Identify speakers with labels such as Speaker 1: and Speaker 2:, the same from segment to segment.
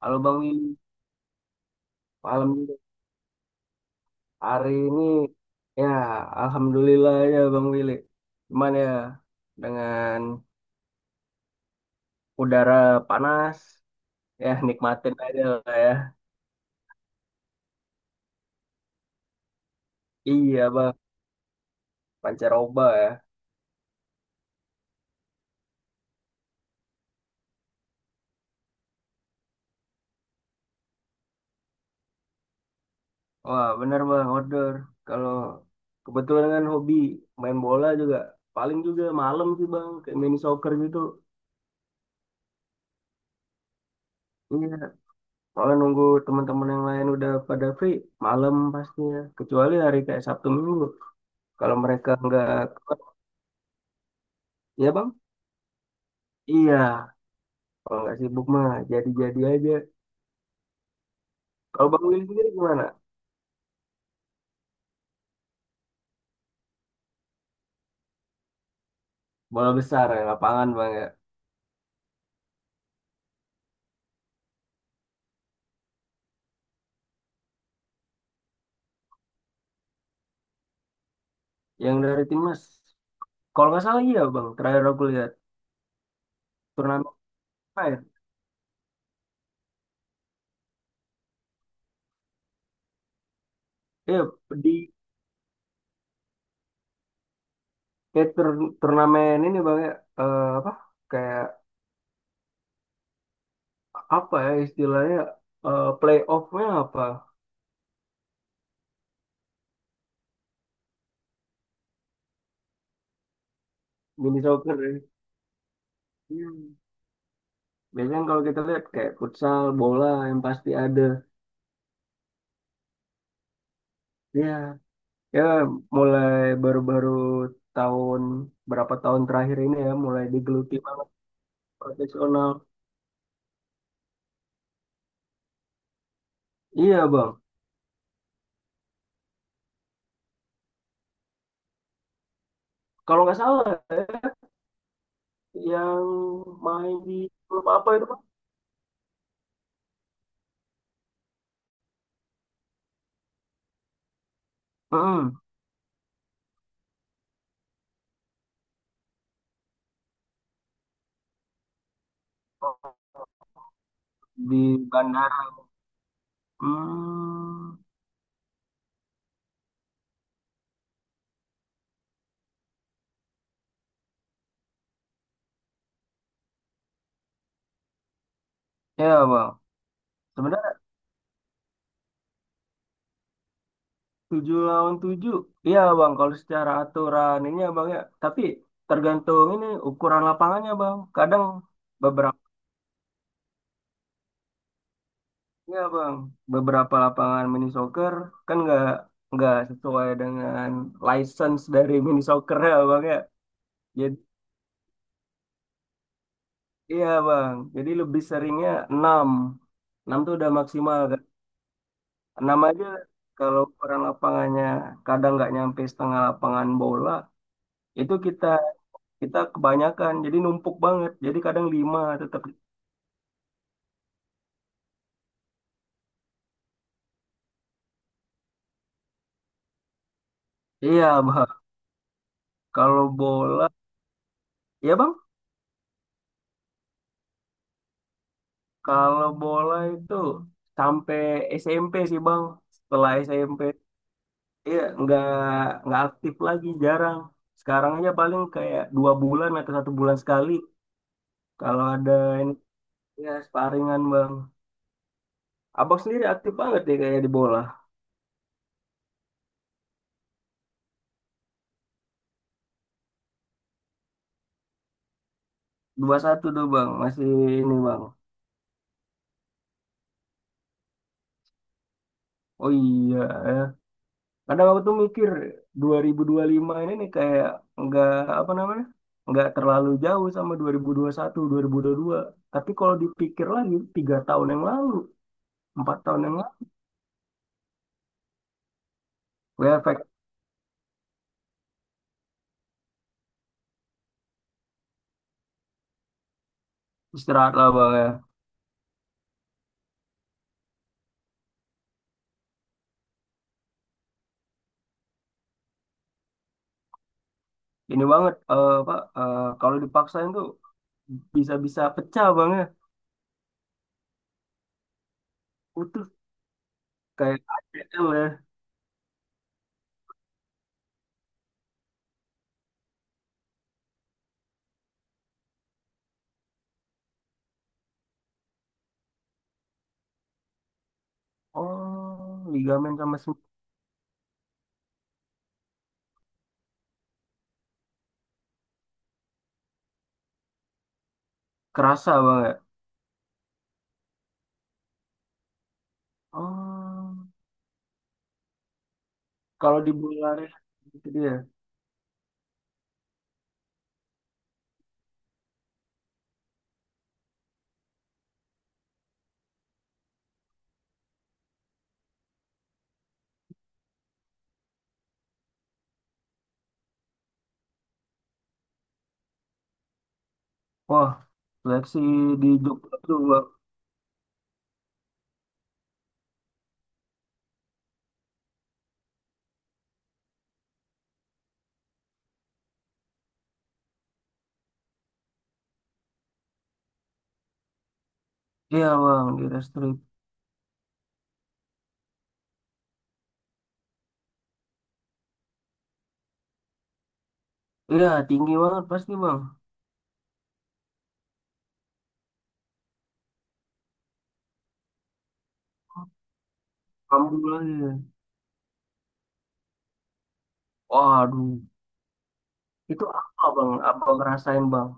Speaker 1: Halo Bang Willy, malam hari ini ya alhamdulillah ya Bang Willy. Cuman ya dengan udara panas ya nikmatin aja lah ya. Iya Bang, pancaroba ya. Wah bener Bang, outdoor. Kalau kebetulan kan hobi main bola juga. Paling juga malam sih Bang, kayak mini soccer gitu. Iya, soalnya nunggu teman-teman yang lain udah pada free, malam pastinya. Kecuali hari kayak Sabtu Minggu. Kalau mereka nggak, ya Bang. Iya, kalau nggak sibuk mah jadi-jadi aja. Kalau Bang Willy sendiri gimana? Bola besar ya, lapangan Bang, ya. Yang dari timnas, kalau nggak salah iya Bang, terakhir aku lihat turnamen apa ya? Iya, di kayak turnamen ini Bang ya, eh, apa? Kayak apa ya istilahnya, eh, playoff-nya apa? Mini soccer ya. Iya. Biasanya kalau kita lihat kayak futsal, bola yang pasti ada. Iya, ya mulai baru-baru tahun berapa tahun terakhir ini ya mulai digeluti profesional. Iya, Bang. Kalau nggak salah ya, yang main di klub apa itu, Bang? Mm, di bandara. Hmm, iya bang. Sebenarnya 7 lawan 7, iya bang. Kalau secara aturan ini ya bang ya, tapi tergantung ini ukuran lapangannya bang. Kadang beberapa, ya bang, beberapa lapangan mini soccer kan nggak sesuai dengan license dari mini soccer ya bang ya. Iya bang, jadi lebih seringnya 6, enam tuh udah maksimal kan. 6 aja kalau ukuran lapangannya kadang nggak nyampe setengah lapangan bola, itu kita kita kebanyakan, jadi numpuk banget. Jadi kadang 5 tetap. Iya bang, kalau bola, ya bang, kalau bola itu sampai SMP sih bang. Setelah SMP, iya nggak aktif lagi, jarang. Sekarang aja paling kayak 2 bulan atau 1 bulan sekali. Kalau ada. Ya, sparingan bang. Abang sendiri aktif banget ya kayak di bola. Dua satu tuh bang, masih ini bang. Oh iya ya. Kadang aku tuh mikir 2025 ini nih kayak nggak apa namanya, nggak terlalu jauh sama dua dua dua puluh satu, dua ribu ribu puluh satu puluh dua. Tapi kalau dipikir lagi, 3 tahun yang lalu, 4 tahun yang lalu, ya efek istirahat lah bang ya. Ini banget, eh, apa, eh, kalau dipaksain tuh bisa-bisa pecah bang ya. Utuh kayak ACL ya. Oh, ligamen sama kerasa banget, ya? Oh, kalau di bola arena gitu dia. Wah, seleksi di Jogja tuh bang. Iya bang, di Restrip. Iya, tinggi banget pasti bang. Ambil lagi. Waduh, itu apa bang? Apa ngerasain bang?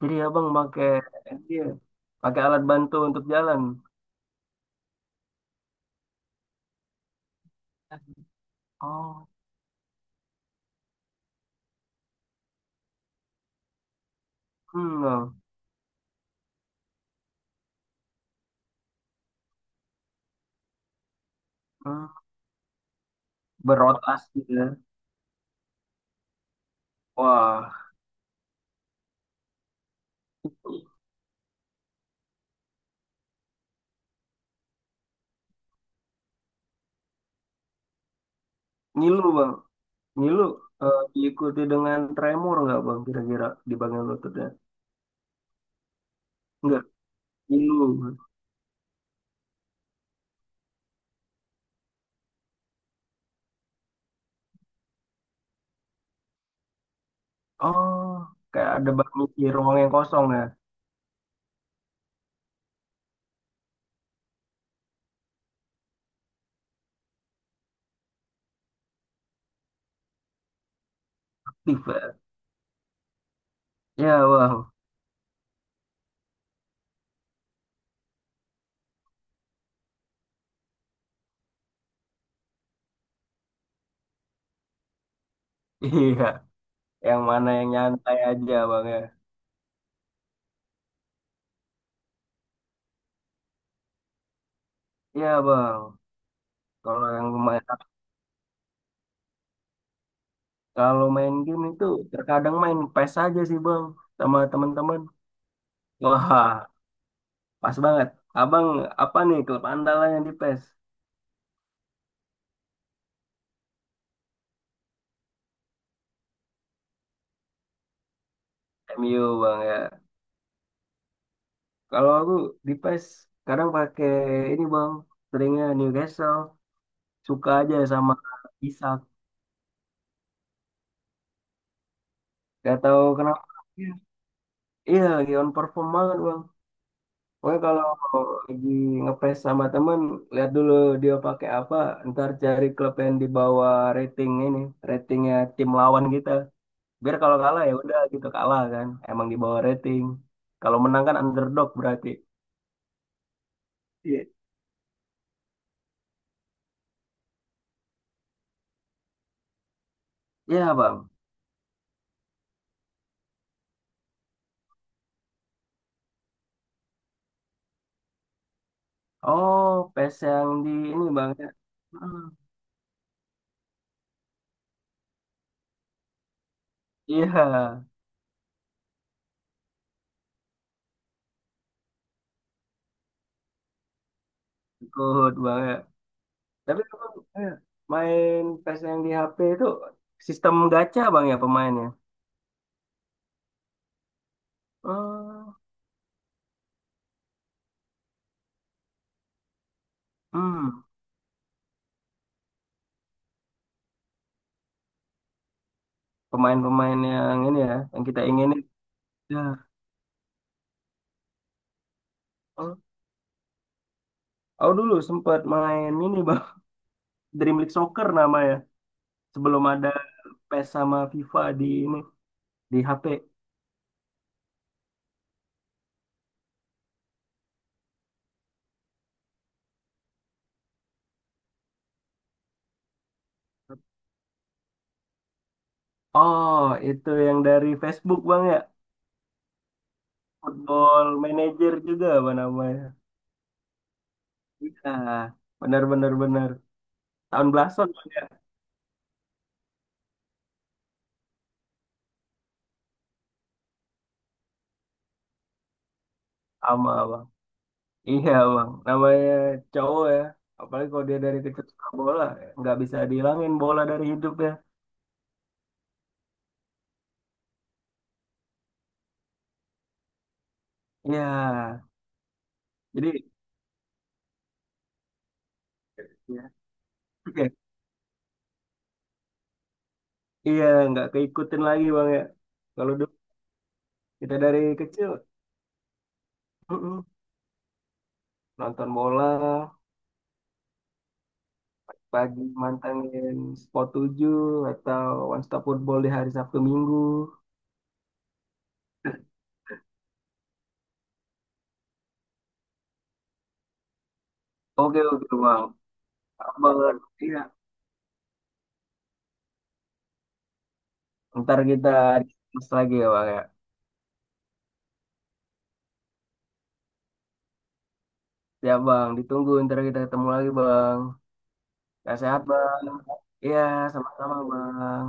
Speaker 1: Jadi abang pakai, iya, pakai alat bantu untuk jalan. Oh, hmm, bang. Hmm. Berotasi ya. Wah, ngilu bang. Ngilu eh, diikuti dengan tremor nggak bang? Kira-kira di bagian lututnya? Enggak, dulu. Oh, kayak ada baru di ruang yang kosong ya. Tiba. Ya, Bang. Iya, yang mana yang nyantai aja, Bang ya. Iya, Bang. Kalau yang main kalau main game itu terkadang main PES aja sih, Bang, sama teman-teman. Wah, pas banget. Abang apa nih klub andalannya di PES? MU, Bang ya. Kalau aku di PES kadang pakai ini, Bang. Seringnya Newcastle. Suka aja sama Isak. Gak tahu kenapa. Iya lagi on perform banget bang. Pokoknya kalau lagi ngepes sama temen, lihat dulu dia pakai apa, ntar cari klub yang di bawah rating ini, ratingnya tim lawan kita. Biar kalau kalah ya udah gitu kalah kan, emang di bawah rating. Kalau menang kan underdog berarti. Iya. Iya bang. Oh, PES yang di ini bang ya. Hmm, iya, ikut bang ya. Tapi abang eh, main PES yang di HP itu sistem gacha bang ya pemainnya. Hmm. Hmm, pemain-pemain yang ini ya, yang kita inginin. Ya. Oh, aku dulu sempat main ini bang, Dream League Soccer namanya. Sebelum ada PES sama FIFA di ini di HP. Oh, itu yang dari Facebook bang ya, Football Manager juga apa namanya. Iya, benar-benar benar, benar. Tahun belasan bang ya, sama bang. Iya bang, namanya cowok ya. Apalagi kalau dia dari kecil suka bola, nggak bisa dihilangin bola dari hidup ya. Iya, jadi. Ya, oke. Iya, nggak keikutin lagi bang ya. Kalau dulu kita dari kecil mm-mm, nonton bola pagi mantengin Sport 7 atau One Stop Football di hari Sabtu Minggu. Oke, oke bang. Abang, iya. Ntar kita discuss lagi ya bang ya. Ya bang, ditunggu ntar kita ketemu lagi bang. Ya sehat bang. Iya, sama-sama bang.